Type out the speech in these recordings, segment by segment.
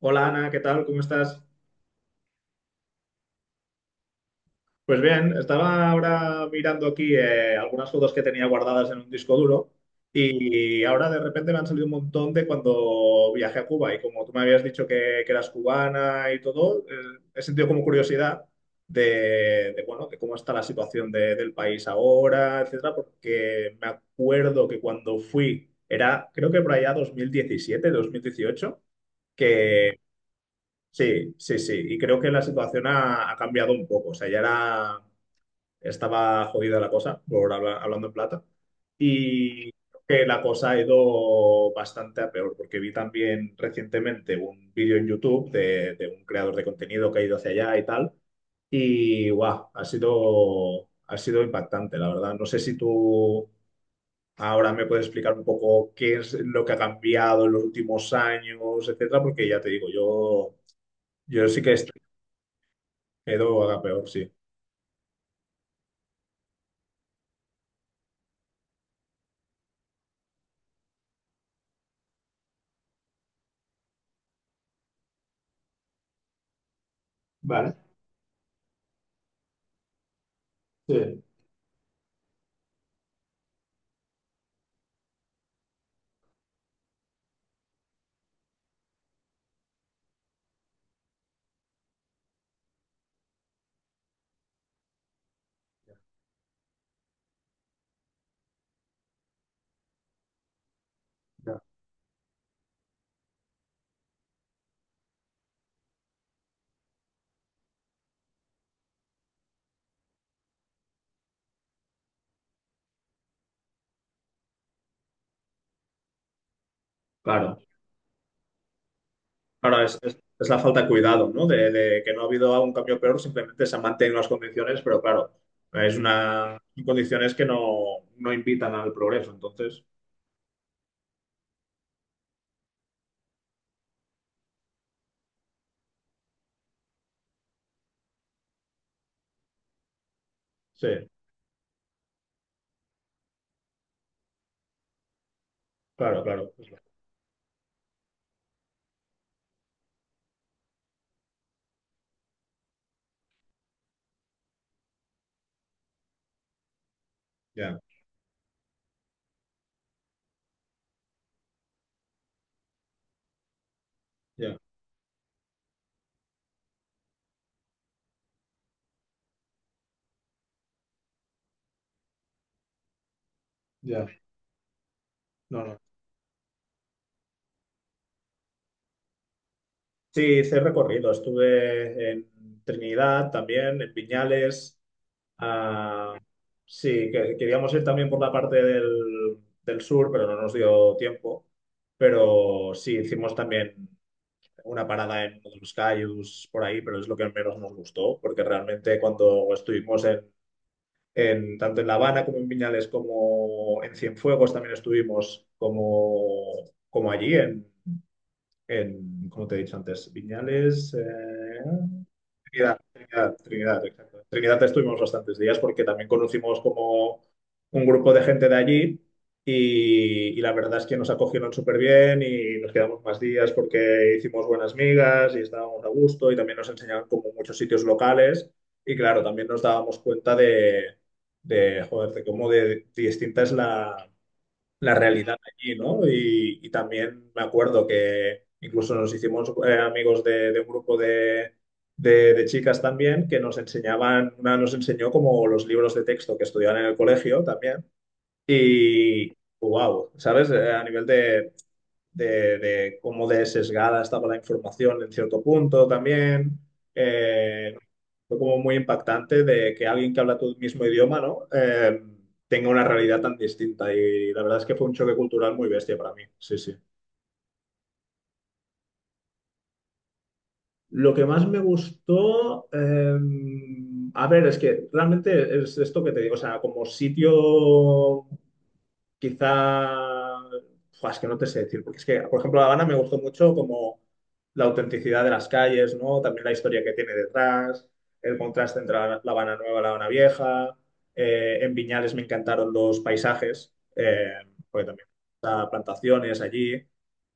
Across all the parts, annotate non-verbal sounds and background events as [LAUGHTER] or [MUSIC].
Hola Ana, ¿qué tal? ¿Cómo estás? Pues bien, estaba ahora mirando aquí algunas fotos que tenía guardadas en un disco duro y ahora de repente me han salido un montón de cuando viajé a Cuba y como tú me habías dicho que eras cubana y todo, he sentido como curiosidad bueno, de cómo está la situación del país ahora, etcétera, porque me acuerdo que cuando fui, era creo que por allá 2017, 2018. Sí, sí, sí. Y creo que la situación ha cambiado un poco. O sea, ya era, estaba jodida la cosa, por hablando en plata. Y creo que la cosa ha ido bastante a peor, porque vi también recientemente un vídeo en YouTube de un creador de contenido que ha ido hacia allá y tal. Y guau, ha sido impactante, la verdad. No sé si tú ahora me puedes explicar un poco qué es lo que ha cambiado en los últimos años, etcétera, porque ya te digo, yo sí que estoy. Edo haga peor, sí. Vale, sí. Ya. Claro. Ahora es, es la falta de cuidado, ¿no? De que no ha habido un cambio peor, simplemente se han mantenido las condiciones, pero claro, es una son condiciones que no invitan al progreso. Entonces, sí, claro, claro. Ya, ya. Ya, no, no. Sí, hice recorrido. Estuve en Trinidad también, en Piñales. Ah, sí, que queríamos ir también por la parte del sur, pero no nos dio tiempo. Pero sí, hicimos también una parada en uno de los cayus por ahí, pero es lo que menos nos gustó, porque realmente cuando estuvimos en, tanto en La Habana como en Viñales, como en Cienfuegos también estuvimos, como allí como te he dicho antes, Viñales, Trinidad, Trinidad, Trinidad, exacto. Trinidad estuvimos bastantes días porque también conocimos como un grupo de gente de allí y la verdad es que nos acogieron súper bien y nos quedamos más días porque hicimos buenas migas y estábamos a gusto y también nos enseñaban como muchos sitios locales y claro, también nos dábamos cuenta de joder, de cómo de distinta es la realidad allí, ¿no? Y también me acuerdo que incluso nos hicimos amigos de un grupo de chicas también que nos enseñaban, una nos enseñó como los libros de texto que estudiaban en el colegio también. Y wow, ¿sabes? A nivel de cómo de sesgada estaba la información en cierto punto también. Eh, fue como muy impactante de que alguien que habla tu mismo idioma, ¿no? Tenga una realidad tan distinta y la verdad es que fue un choque cultural muy bestia para mí, sí, sí. Lo que más me gustó, a ver, es que realmente es esto que te digo, o sea, como sitio. Quizá. Fua, es que no te sé decir, porque es que, por ejemplo, La Habana me gustó mucho como la autenticidad de las calles, ¿no? También la historia que tiene detrás, el contraste entre La Habana Nueva y La Habana Vieja. En Viñales me encantaron los paisajes, porque también está plantaciones allí.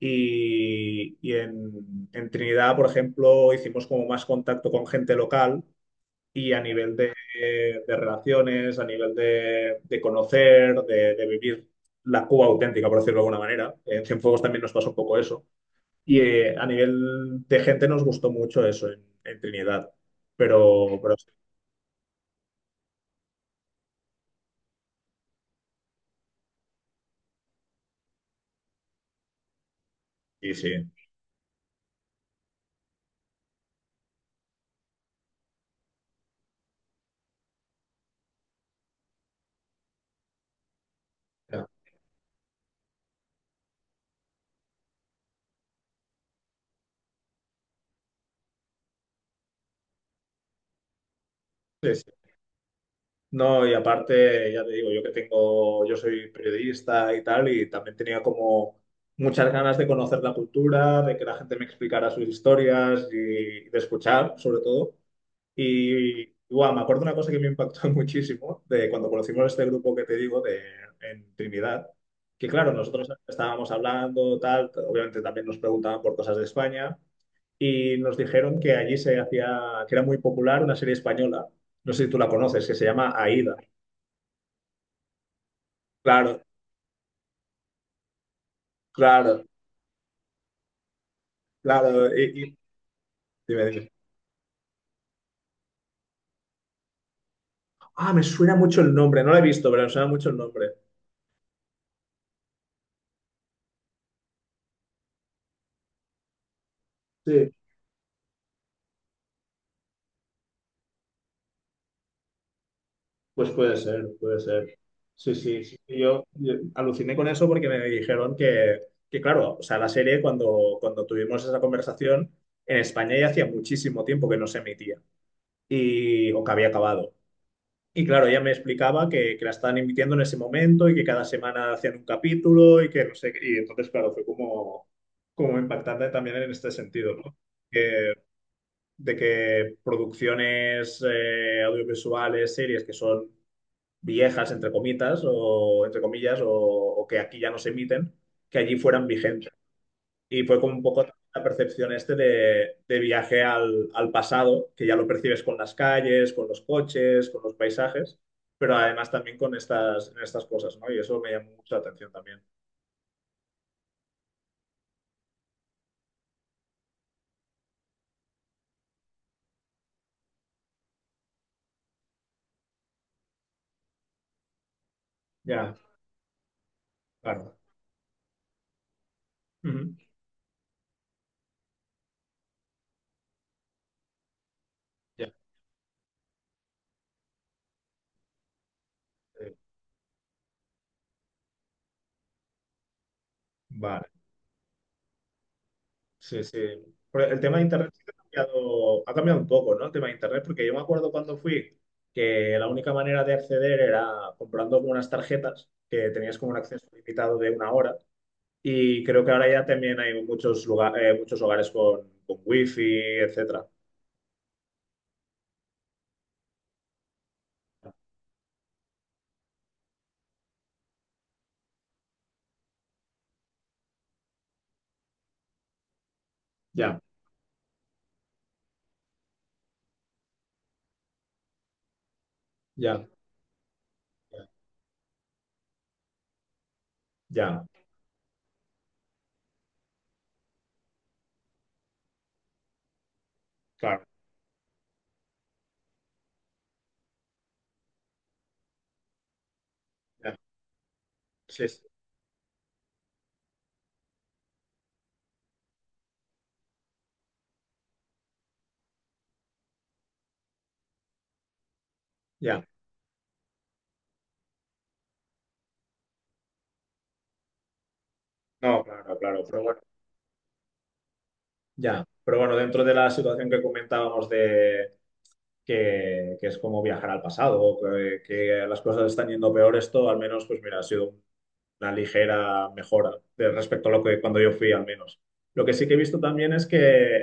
Y en Trinidad, por ejemplo, hicimos como más contacto con gente local y a nivel de relaciones, a nivel de conocer, de vivir la Cuba auténtica, por decirlo de alguna manera. En Cienfuegos también nos pasó un poco eso. Y a nivel de gente nos gustó mucho eso en Trinidad. Pero sí, sí. Sí. Sí. No, y aparte, ya te digo, yo que tengo, yo soy periodista y tal, y también tenía como muchas ganas de conocer la cultura, de que la gente me explicara sus historias y de escuchar, sobre todo. Y guau, me acuerdo una cosa que me impactó [LAUGHS] muchísimo de cuando conocimos este grupo que te digo en Trinidad, que claro, nosotros estábamos hablando, tal, obviamente también nos preguntaban por cosas de España, y nos dijeron que allí se hacía, que era muy popular una serie española, no sé si tú la conoces, que se llama Aída. Claro, claro, claro. Dime, dime. Ah, me suena mucho el nombre, no la he visto, pero me suena mucho el nombre. Sí, pues puede ser, puede ser. Sí, sí, sí. Yo aluciné con eso porque me dijeron claro, o sea, la serie cuando tuvimos esa conversación, en España ya hacía muchísimo tiempo que no se emitía o que había acabado. Y claro, ella me explicaba que la estaban emitiendo en ese momento y que cada semana hacían un capítulo y que no sé, qué. Y entonces, claro, fue como impactante también en este sentido, ¿no? Que- de que producciones audiovisuales, series que son viejas, entre comitas, o entre comillas, o, que aquí ya no se emiten, que allí fueran vigentes. Y fue como un poco la percepción este de viaje al pasado, que ya lo percibes con las calles, con los coches, con los paisajes, pero además también en estas cosas, ¿no? Y eso me llamó mucho la atención también. Ya, claro. Ujú. Ya, eh, vale, sí, sí. Pero el tema de Internet sí que ha cambiado un poco, ¿no? El tema de Internet, porque yo me acuerdo cuando fui que la única manera de acceder era comprando algunas tarjetas que tenías como un acceso limitado de una hora. Y creo que ahora ya también hay muchos muchos hogares con wifi, etcétera. Ya, ya, ya, ya, claro, ya, sí, sí, ya. No, claro, claro, pero bueno, ya. Pero bueno, dentro de la situación que comentábamos de que es como viajar al pasado, que las cosas están yendo peor, esto al menos, pues mira, ha sido una ligera mejora de respecto a lo que cuando yo fui al menos. Lo que sí que he visto también es que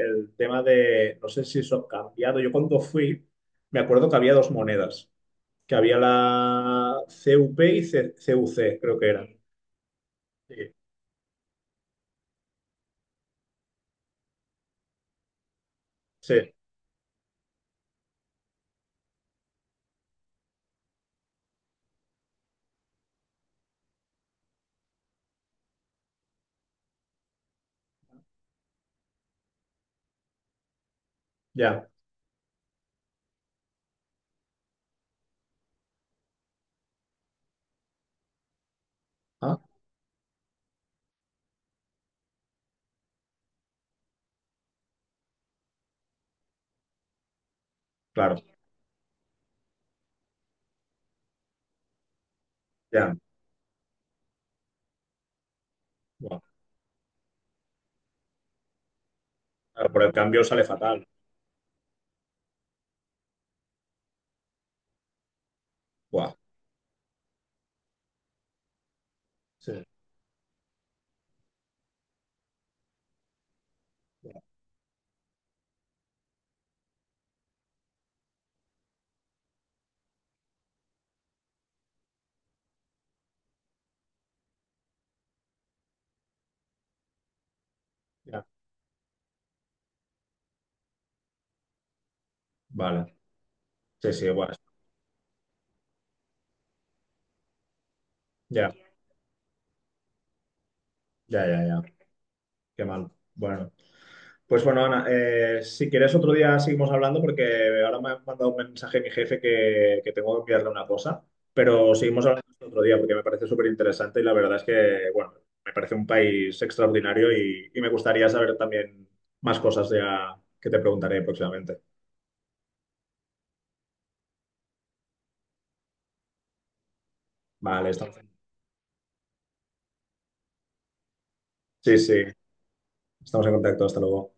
el tema de, no sé si eso ha cambiado, yo cuando fui me acuerdo que había dos monedas, que había la CUP y CUC, creo que eran. Sí, sí, ya. Ah, claro, ya. Buah. Claro, por el cambio sale fatal. Buah, sí, ya, ya. Vale, sí, sí, buah, ya, ya, ya, ya. Qué mal. Bueno. Pues bueno, Ana, si quieres otro día seguimos hablando porque ahora me ha mandado un mensaje mi jefe que tengo que enviarle una cosa, pero seguimos hablando esto otro día porque me parece súper interesante y la verdad es que, bueno, me parece un país extraordinario y me gustaría saber también más cosas ya que te preguntaré próximamente. Vale, estamos, sí, sí, estamos en contacto, hasta luego.